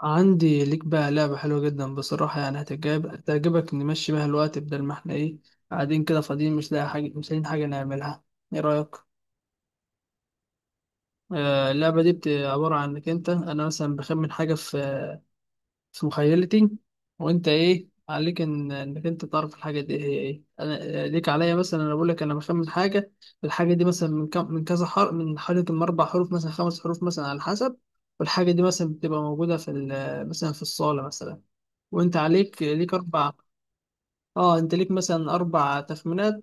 عندي ليك بقى لعبة حلوة جدا بصراحة، يعني هتعجبك. نمشي بيها الوقت بدل ما احنا ايه قاعدين كده فاضيين، مش لاقيين حاجة نعملها. ايه رأيك؟ آه، اللعبة دي عبارة عن انك انت، انا مثلا بخمن حاجة في مخيلتي. وانت ايه عليك انك انت تعرف الحاجة دي هي ايه. انا ليك عليا، مثلا انا بقول لك انا بخمن حاجة. الحاجة دي مثلا من كم من كذا حرف من حوالي من اربع حروف مثلا، خمس حروف مثلا، على حسب. والحاجة دي مثلا بتبقى موجودة مثلا في الصالة مثلا. وانت عليك ليك اربع. اه انت ليك مثلا اربع تخمينات.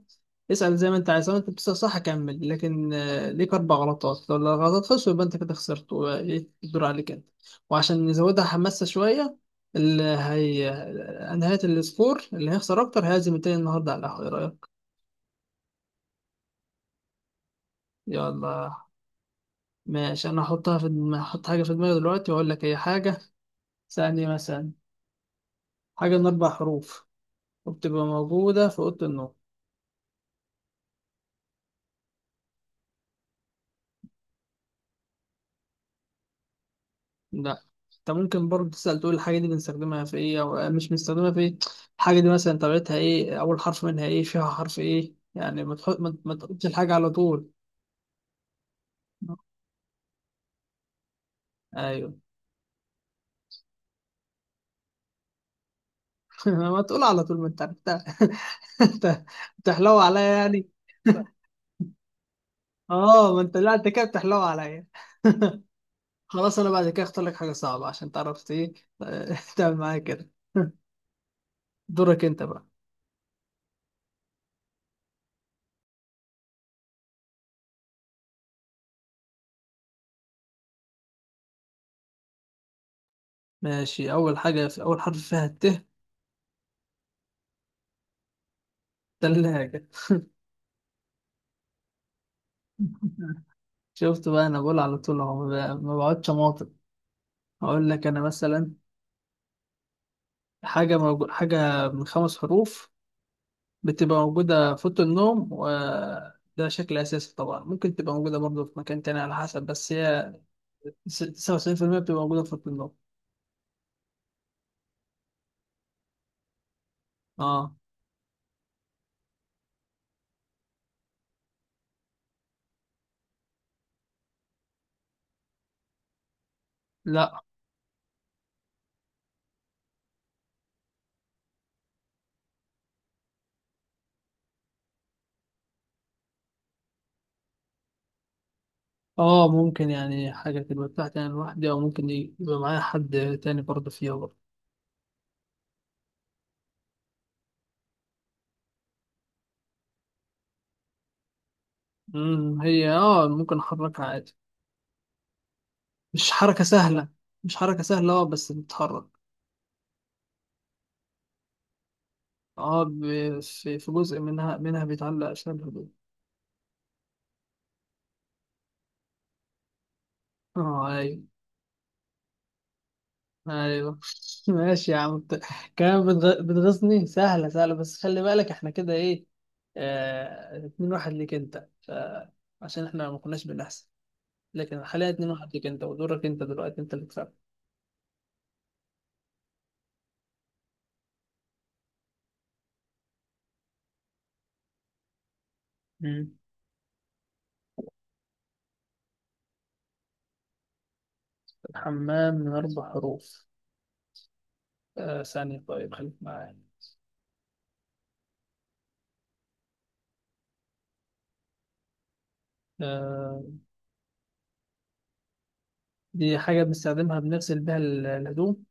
اسأل زي ما انت عايز، لو انت بتسأل صح كمل، لكن ليك اربع غلطات. لو الغلطات خلصوا يبقى انت كده خسرت، وايه، الدور عليك انت. وعشان نزودها حماسة شوية، اللي هي آه، نهاية السكور اللي هيخسر اكتر هيعزم التاني النهارده على القهوة. ايه رأيك؟ يلا، ماشي. انا هحط حاجة في دماغي دلوقتي واقول لك هي حاجة. ثانية مثلا. حاجة من اربع حروف، وبتبقى موجودة في أوضة النوم. ده انت ممكن برضه تسأل، تقول الحاجة دي بنستخدمها في ايه او مش بنستخدمها في ايه. الحاجة دي مثلا طبيعتها ايه، اول حرف منها ايه، فيها حرف ايه. يعني ما تحط ما ما تقولش الحاجة على طول. ايوه. ما تقول على طول، ما انت عرفتها. انت بتحلو عليا يعني. اه، ما انت لا، انت كده بتحلو عليا. خلاص، انا بعد كده اختار لك حاجة صعبة عشان تعرف ايه. تعمل معايا كده. دورك انت بقى. ماشي، اول حاجة في اول حرف فيها الت. ثلاجة. شفت بقى، انا بقول على طول اهو، ما بقعدش اماطل. اقول لك انا مثلا حاجه من خمس حروف، بتبقى موجوده في اوضه النوم، وده شكل اساسي طبعا. ممكن تبقى موجوده برضه في مكان تاني على حسب، بس هي س- 99% بتبقى موجوده في اوضه النوم. اه، لا، اه ممكن يعني، حاجه تبقى بتاعتي انا لوحدي او ممكن يبقى معايا حد تاني برضه فيها برضه. هي اه ممكن احركها عادي. مش حركه سهله مش حركه سهله. اه بس بتتحرك. اه، في جزء منها بيتعلق أسنان الهدوم. اه، أيوه، أيوه. ماشي يا عم، كمان بتغيظني. سهلة سهلة، بس خلي بالك احنا كده ايه. اتنين واحد ليك انت. عشان احنا ما كناش بنحسب، لكن حاليا اتنين واحد ليك انت، ودورك انت دلوقتي، انت اللي كسبت. مم. الحمام من أربع حروف. ثانية، طيب خليك معايا. آه... دي حاجة بنستخدمها، بنغسل بيها الهدوم.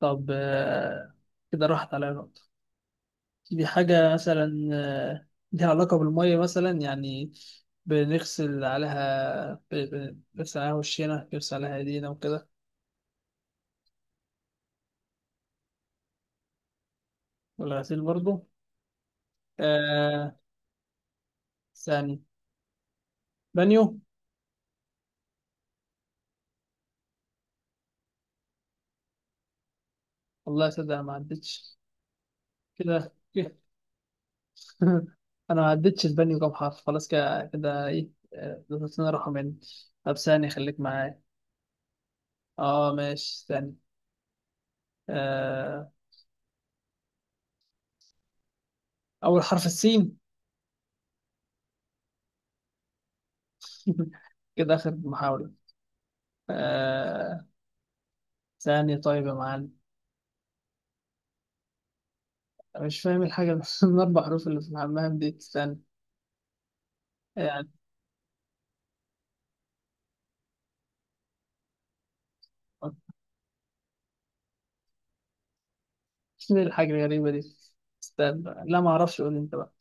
طب، كده راحت عليا نقطة. دي حاجة مثلا ليها علاقة بالمية مثلا يعني. بنغسل عليها وشنا، بنغسل عليها ايدينا، وكده. والغسيل برضو. آه، ثاني. بانيو. والله صدق، انا ما عدتش. كده كده. انا ما عدتش البانيو كام حرف. خلاص كده كده، ايه، ضغطتنا رقم يعني. طب، ثاني، خليك معايا. اه ماشي، ثاني. آه، اول حرف السين. كده اخر محاولة. آه، ثاني. طيب يا معلم، أنا مش فاهم الحاجة اللي من أربع حروف اللي في الحمام دي. استنى يعني. شنو الحاجة الغريبة دي. استنى بقى. لا، ما أعرفش، قول أنت بقى.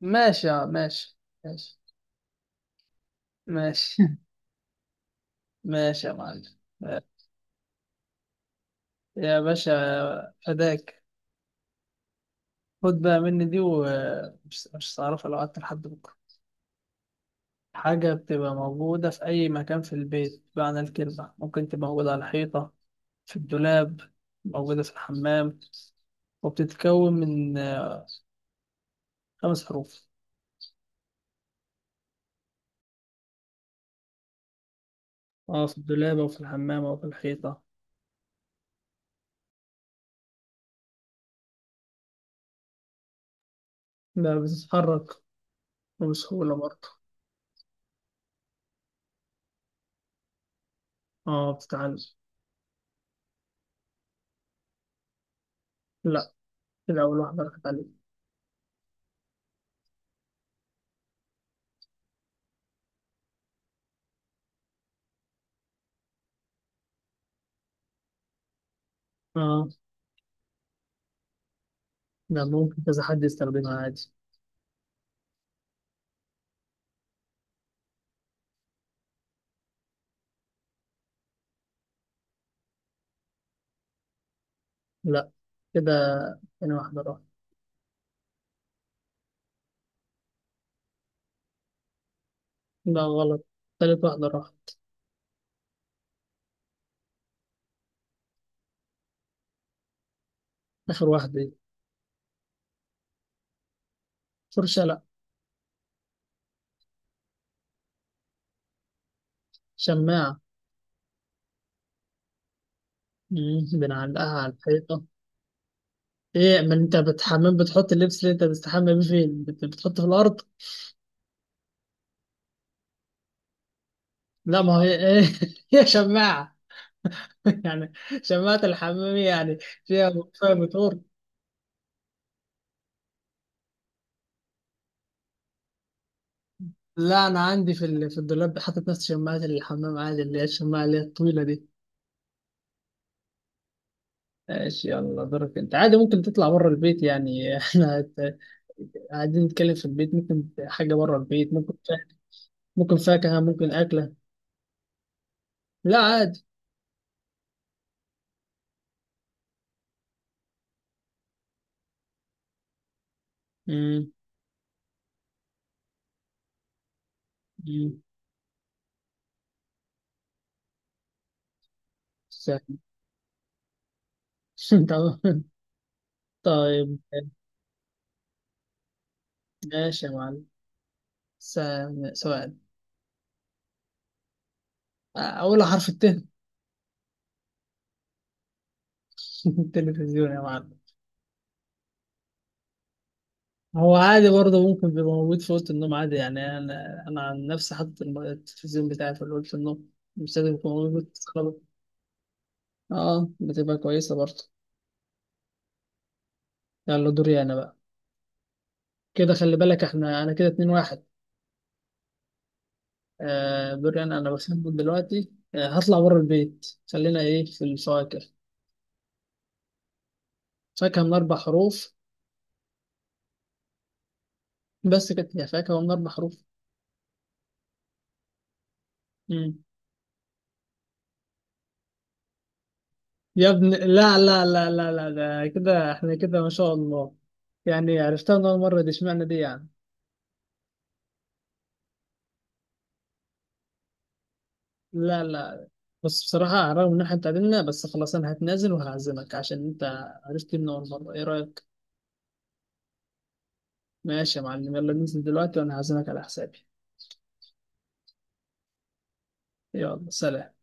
ماشي ماشي، ماشي، ماشي. ماشي يا معلم. يا باشا، فداك. خد بقى مني دي، ومش مش هتعرفها لو قعدت لحد بكرة. حاجة بتبقى موجودة في أي مكان في البيت بمعنى الكلمة. ممكن تبقى موجودة على الحيطة، في الدولاب، موجودة في الحمام، وبتتكون من خمس حروف. اه، في الدولاب، او في الحمام، او في الحيطة. لا، بتتحرك، وبسهولة برضه. اه، بتتعلم. لا، كده أول واحدة راحت عليك. اه، ده ممكن كذا حد يستخدمها عادي. لا، كده تاني واحدة راحت. لا، غلط، تالت واحدة راحت. آخر واحدة دي. فرشة؟ لا. شماعة. مم، بنعلقها على الحيطة. ايه، ما انت بتحمم، بتحط اللبس اللي انت بتستحمى بيه فين؟ بتحطه في الأرض. لا، ما هي ايه هي شماعة. يعني شماعة الحمام، يعني فيها موتور. لا، انا عندي في الدولاب حاطط نفس شماعه الحمام عادي، اللي هي الشماعه، اللي هي الطويله دي. ماشي، يلا دورك انت. عادي ممكن تطلع بره البيت يعني. احنا قاعدين نتكلم في البيت، ممكن حاجه بره البيت. ممكن ممكن فاكهه، ممكن اكله. لا، عادي. امم امم سهل. تمام. طيب، ماشي يا معلم. س- سؤال. اول حرف الت. التلفزيون يا معلم. هو عادي برضه، ممكن بيبقى موجود في اوضه النوم عادي يعني. انا عن نفسي حاطط التلفزيون بتاعي في اوضه النوم، مش لازم يكون موجود في الصالة. اه، بتبقى كويسه برضه. يلا دوري انا بقى. كده خلي بالك، انا كده اتنين واحد. آه، دوري انا بسبب دلوقتي هطلع بره البيت. خلينا ايه في الفواكه. فاكهه من اربع حروف. بس كانت هي فاكهه من اربع حروف. مم. يا ابن، لا، لا، لا، لا، لا، ده كده احنا كده ما شاء الله. يعني عرفتها من اول مره، دي اشمعنى دي يعني. لا، لا. بس بصراحة رغم إن إحنا اتعادلنا، بس خلاص أنا هتنازل وهعزمك عشان أنت عرفت من أول مرة. إيه رأيك؟ ماشي يا معلم، يلا ننزل دلوقتي وأنا هعزمك على حسابي. يلا، سلام.